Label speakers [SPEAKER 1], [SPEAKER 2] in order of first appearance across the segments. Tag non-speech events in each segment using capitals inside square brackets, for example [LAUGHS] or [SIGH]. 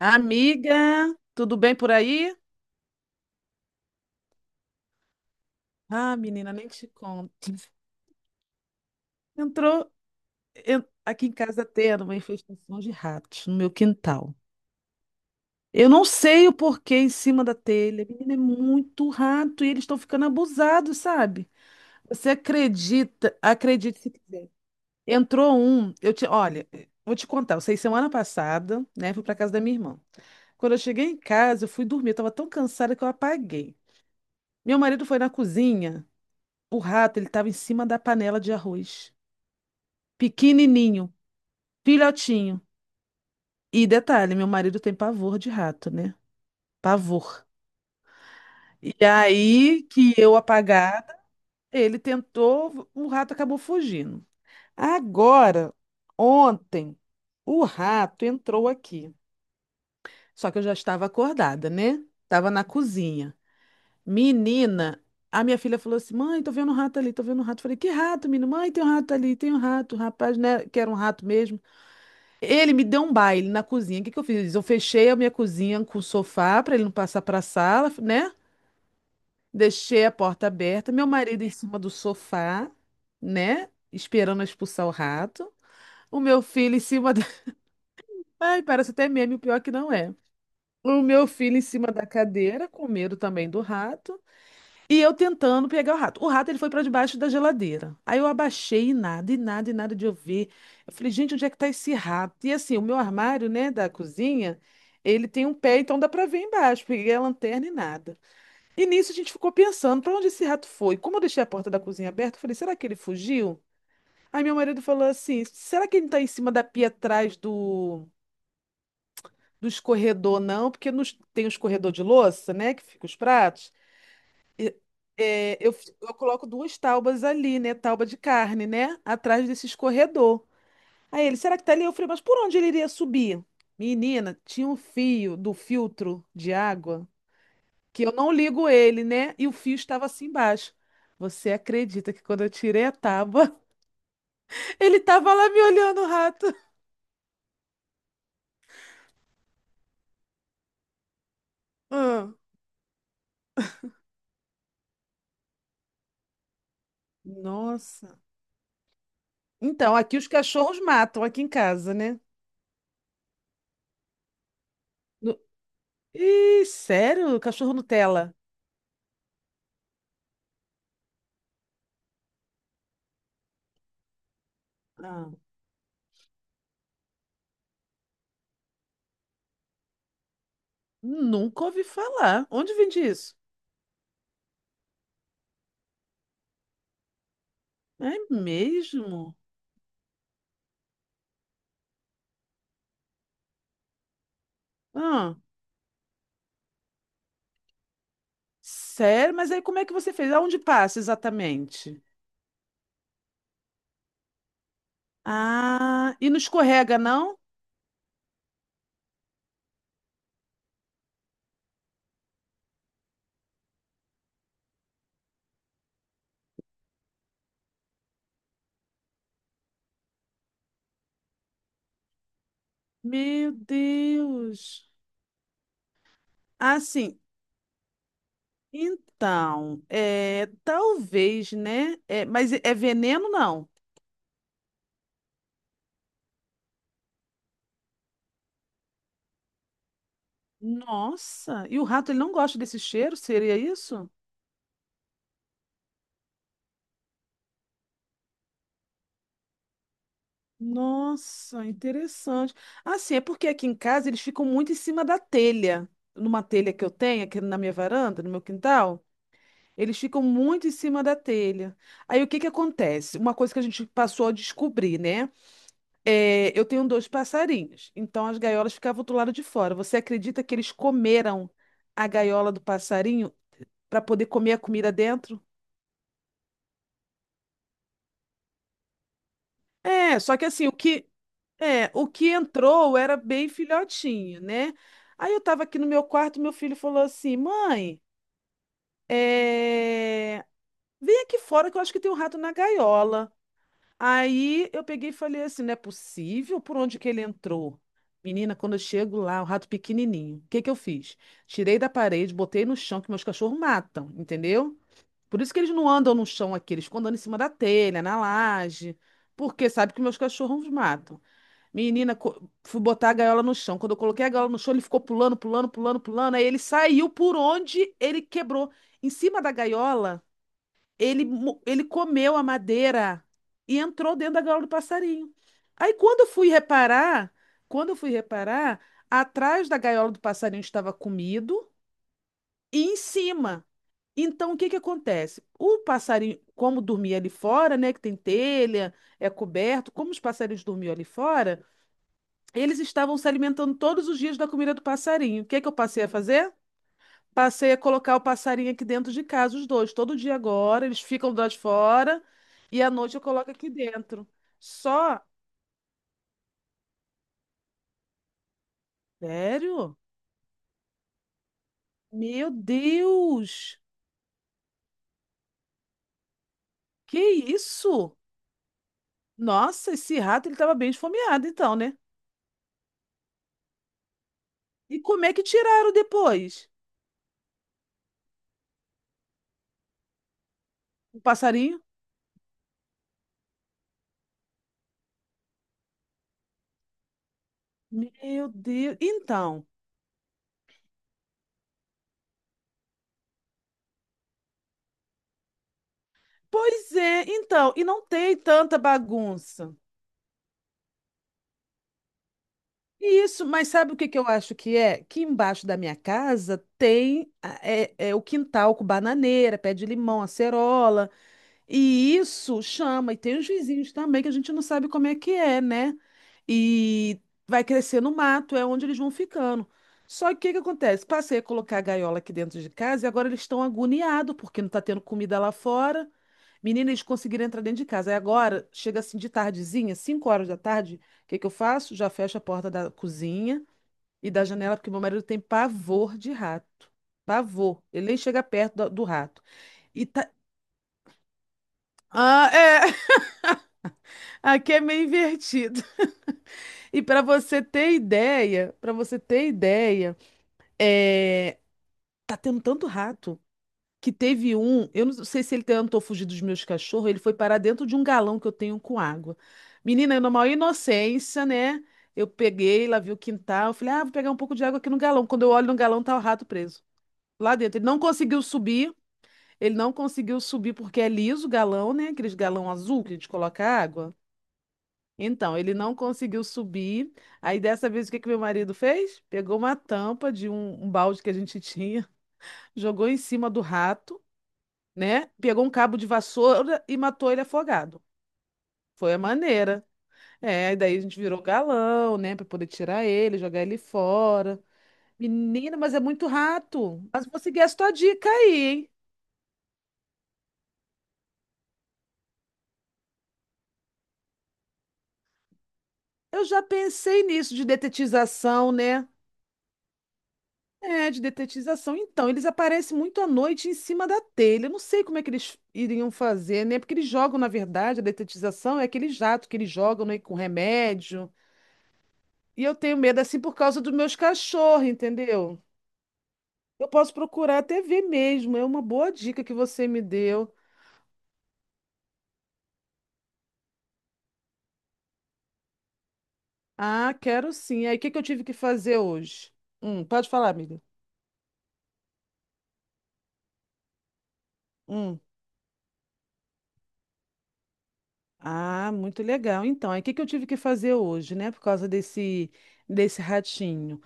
[SPEAKER 1] Amiga, tudo bem por aí? Ah, menina, nem te conto. Entrou, aqui em casa tendo uma infestação de ratos no meu quintal. Eu não sei o porquê em cima da telha. Menina, é muito rato e eles estão ficando abusados, sabe? Você acredita? Acredite se quiser. Entrou um, olha, vou te contar. Eu sei semana passada, né? Fui para casa da minha irmã. Quando eu cheguei em casa, eu fui dormir. Eu tava tão cansada que eu apaguei. Meu marido foi na cozinha. O rato, ele estava em cima da panela de arroz. Pequenininho, filhotinho. E detalhe, meu marido tem pavor de rato, né? Pavor. E aí que eu apagada, ele tentou, o rato acabou fugindo. Agora, ontem, o rato entrou aqui. Só que eu já estava acordada, né? Estava na cozinha. Menina, a minha filha falou assim: Mãe, tô vendo um rato ali, tô vendo um rato. Falei: Que rato, menino? Mãe, tem um rato ali, tem um rato. Rapaz, né? Que era um rato mesmo. Ele me deu um baile na cozinha. O que que eu fiz? Eu fechei a minha cozinha com o sofá para ele não passar para a sala, né? Deixei a porta aberta, meu marido em cima do sofá, né? Esperando eu expulsar o rato. O meu filho em cima da... [LAUGHS] Ai, parece até meme, o pior é que não é. O meu filho em cima da cadeira, com medo também do rato. E eu tentando pegar o rato. O rato ele foi para debaixo da geladeira. Aí eu abaixei e nada, e nada, e nada de eu ver. Eu falei, gente, onde é que tá esse rato? E assim, o meu armário, né, da cozinha, ele tem um pé, então dá para ver embaixo. Peguei a lanterna e nada. E nisso a gente ficou pensando, para onde esse rato foi? Como eu deixei a porta da cozinha aberta, eu falei, será que ele fugiu? Aí meu marido falou assim, será que ele não tá em cima da pia atrás do escorredor, não? Porque nos, tem o escorredor de louça, né, que fica os pratos. Eu coloco duas taubas ali, né? Tauba de carne, né? Atrás desse escorredor. Aí ele, será que tá ali? Eu falei, mas por onde ele iria subir? Menina, tinha um fio do filtro de água que eu não ligo ele, né? E o fio estava assim embaixo. Você acredita que quando eu tirei a tábua, [LAUGHS] ele tava lá me olhando, o rato? Ah, nossa. Então, aqui os cachorros matam aqui em casa, né? No- Ih, sério? Cachorro Nutella? Ah, nunca ouvi falar. Onde vende isso? É mesmo? Ah, sério? Mas aí como é que você fez? Aonde passa exatamente? Ah, e não escorrega, não? Meu Deus. Ah, sim. Então, é, talvez, né? É, mas é veneno, não? Nossa, e o rato ele não gosta desse cheiro? Seria isso? Nossa, interessante. Assim, é porque aqui em casa eles ficam muito em cima da telha, numa telha que eu tenho aqui na minha varanda, no meu quintal. Eles ficam muito em cima da telha. Aí o que que acontece? Uma coisa que a gente passou a descobrir, né? É, eu tenho dois passarinhos, então as gaiolas ficavam do lado de fora. Você acredita que eles comeram a gaiola do passarinho para poder comer a comida dentro? É, só que assim, o que entrou era bem filhotinho, né? Aí eu tava aqui no meu quarto, meu filho falou assim: "Mãe, é, vem aqui fora que eu acho que tem um rato na gaiola". Aí eu peguei e falei assim, não é possível por onde que ele entrou? Menina, quando eu chego lá, o rato pequenininho. O que que eu fiz? Tirei da parede, botei no chão, que meus cachorros matam, entendeu? Por isso que eles não andam no chão aqui, eles ficam andando em cima da telha, na laje, porque sabe que meus cachorros matam. Menina, fui botar a gaiola no chão. Quando eu coloquei a gaiola no chão, ele ficou pulando, pulando, pulando, pulando. Aí ele saiu por onde ele quebrou. Em cima da gaiola. Ele comeu a madeira e entrou dentro da gaiola do passarinho. Aí quando eu fui reparar, atrás da gaiola do passarinho estava comido e em cima. Então o que que acontece? O passarinho, como dormia ali fora, né, que tem telha, é coberto, como os passarinhos dormiam ali fora, eles estavam se alimentando todos os dias da comida do passarinho. O que que eu passei a fazer? Passei a colocar o passarinho aqui dentro de casa, os dois. Todo dia agora, eles ficam do lado de fora e à noite eu coloco aqui dentro. Só. Sério? Meu Deus! Que isso? Nossa, esse rato ele estava bem esfomeado, então, né? E como é que tiraram depois? O passarinho? Meu Deus! Então. Pois é, então. E não tem tanta bagunça. Isso, mas sabe o que que eu acho que é? Que embaixo da minha casa tem é o quintal com bananeira, pé de limão, acerola. E isso chama, e tem os vizinhos também, que a gente não sabe como é que é, né? E vai crescer no mato, é onde eles vão ficando. Só que o que que acontece? Passei a colocar a gaiola aqui dentro de casa e agora eles estão agoniados, porque não está tendo comida lá fora. Menina, eles conseguiram entrar dentro de casa. Aí agora, chega assim de tardezinha, 5 horas da tarde, o que que eu faço? Já fecho a porta da cozinha e da janela, porque meu marido tem pavor de rato. Pavor. Ele nem chega perto do rato. E tá... Ah, é. Aqui é meio invertido. [LAUGHS] E para você ter ideia, é, tá tendo tanto rato que teve um, eu não sei se ele tentou fugir dos meus cachorros, ele foi parar dentro de um galão que eu tenho com água. Menina, na maior inocência, né? Eu peguei, lá vi o quintal, eu falei, ah, vou pegar um pouco de água aqui no galão. Quando eu olho no galão, tá o rato preso lá dentro. Ele não conseguiu subir, ele não conseguiu subir porque é liso o galão, né? Aqueles galão azul que a gente coloca água. Então, ele não conseguiu subir. Aí, dessa vez, o que que meu marido fez? Pegou uma tampa de um, balde que a gente tinha, [LAUGHS] jogou em cima do rato, né? Pegou um cabo de vassoura e matou ele afogado. Foi a maneira. É, e daí a gente virou galão, né? Pra poder tirar ele, jogar ele fora. Menina, mas é muito rato. Mas vou seguir a sua dica aí, hein? Eu já pensei nisso de detetização, né? É, de detetização. Então, eles aparecem muito à noite em cima da telha. Eu não sei como é que eles iriam fazer, né? Porque eles jogam, na verdade, a detetização é aquele jato que eles jogam, né, com remédio. E eu tenho medo, assim, por causa dos meus cachorros, entendeu? Eu posso procurar até ver mesmo. É uma boa dica que você me deu. Ah, quero sim. Aí, o que que eu tive que fazer hoje? Pode falar, amiga. Hum. Ah, muito legal. Então, aí, o que que eu tive que fazer hoje, né? Por causa desse ratinho.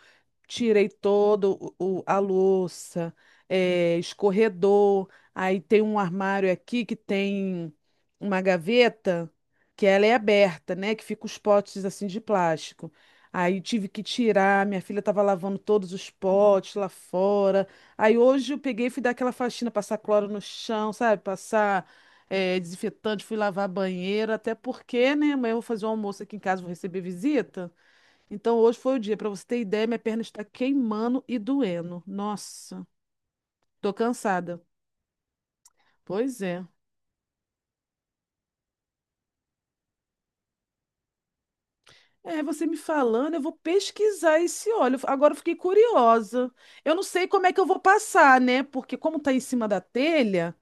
[SPEAKER 1] Tirei todo o, a louça, escorredor. Aí tem um armário aqui que tem uma gaveta que ela é aberta, né? Que fica os potes assim de plástico. Aí tive que tirar, minha filha estava lavando todos os potes lá fora. Aí hoje eu peguei e fui dar aquela faxina, passar cloro no chão, sabe? Passar desinfetante, fui lavar a banheira, até porque, né? Amanhã eu vou fazer um almoço aqui em casa, vou receber visita. Então hoje foi o dia. Para você ter ideia, minha perna está queimando e doendo. Nossa, tô cansada. Pois é. É, você me falando, eu vou pesquisar esse óleo. Agora eu fiquei curiosa. Eu não sei como é que eu vou passar, né? Porque como tá em cima da telha,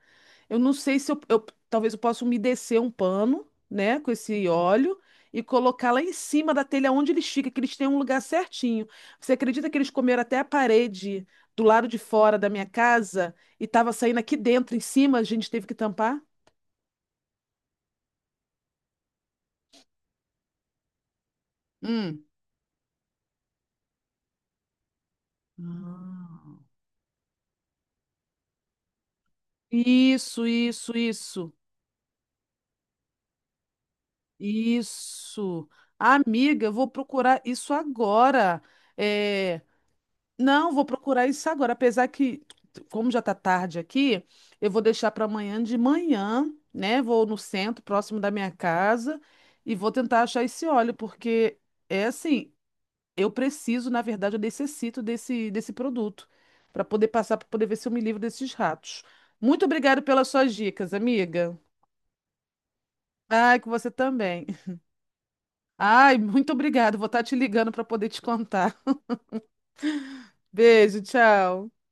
[SPEAKER 1] eu não sei se talvez eu possa umedecer um pano, né, com esse óleo e colocar lá em cima da telha onde eles ficam, que eles têm um lugar certinho. Você acredita que eles comeram até a parede do lado de fora da minha casa e estava saindo aqui dentro, em cima, a gente teve que tampar? Hum. Ah. Isso, isso, isso, isso. Amiga, eu vou procurar isso agora. É, não, vou procurar isso agora. Apesar que, como já tá tarde aqui, eu vou deixar para amanhã de manhã, né? Vou no centro, próximo da minha casa, e vou tentar achar esse óleo, porque é assim, eu preciso, na verdade, eu necessito desse produto para poder passar, para poder ver se eu me livro desses ratos. Muito obrigado pelas suas dicas, amiga. Ai, que você também. Ai, muito obrigado. Vou estar te ligando para poder te contar. Beijo, tchau.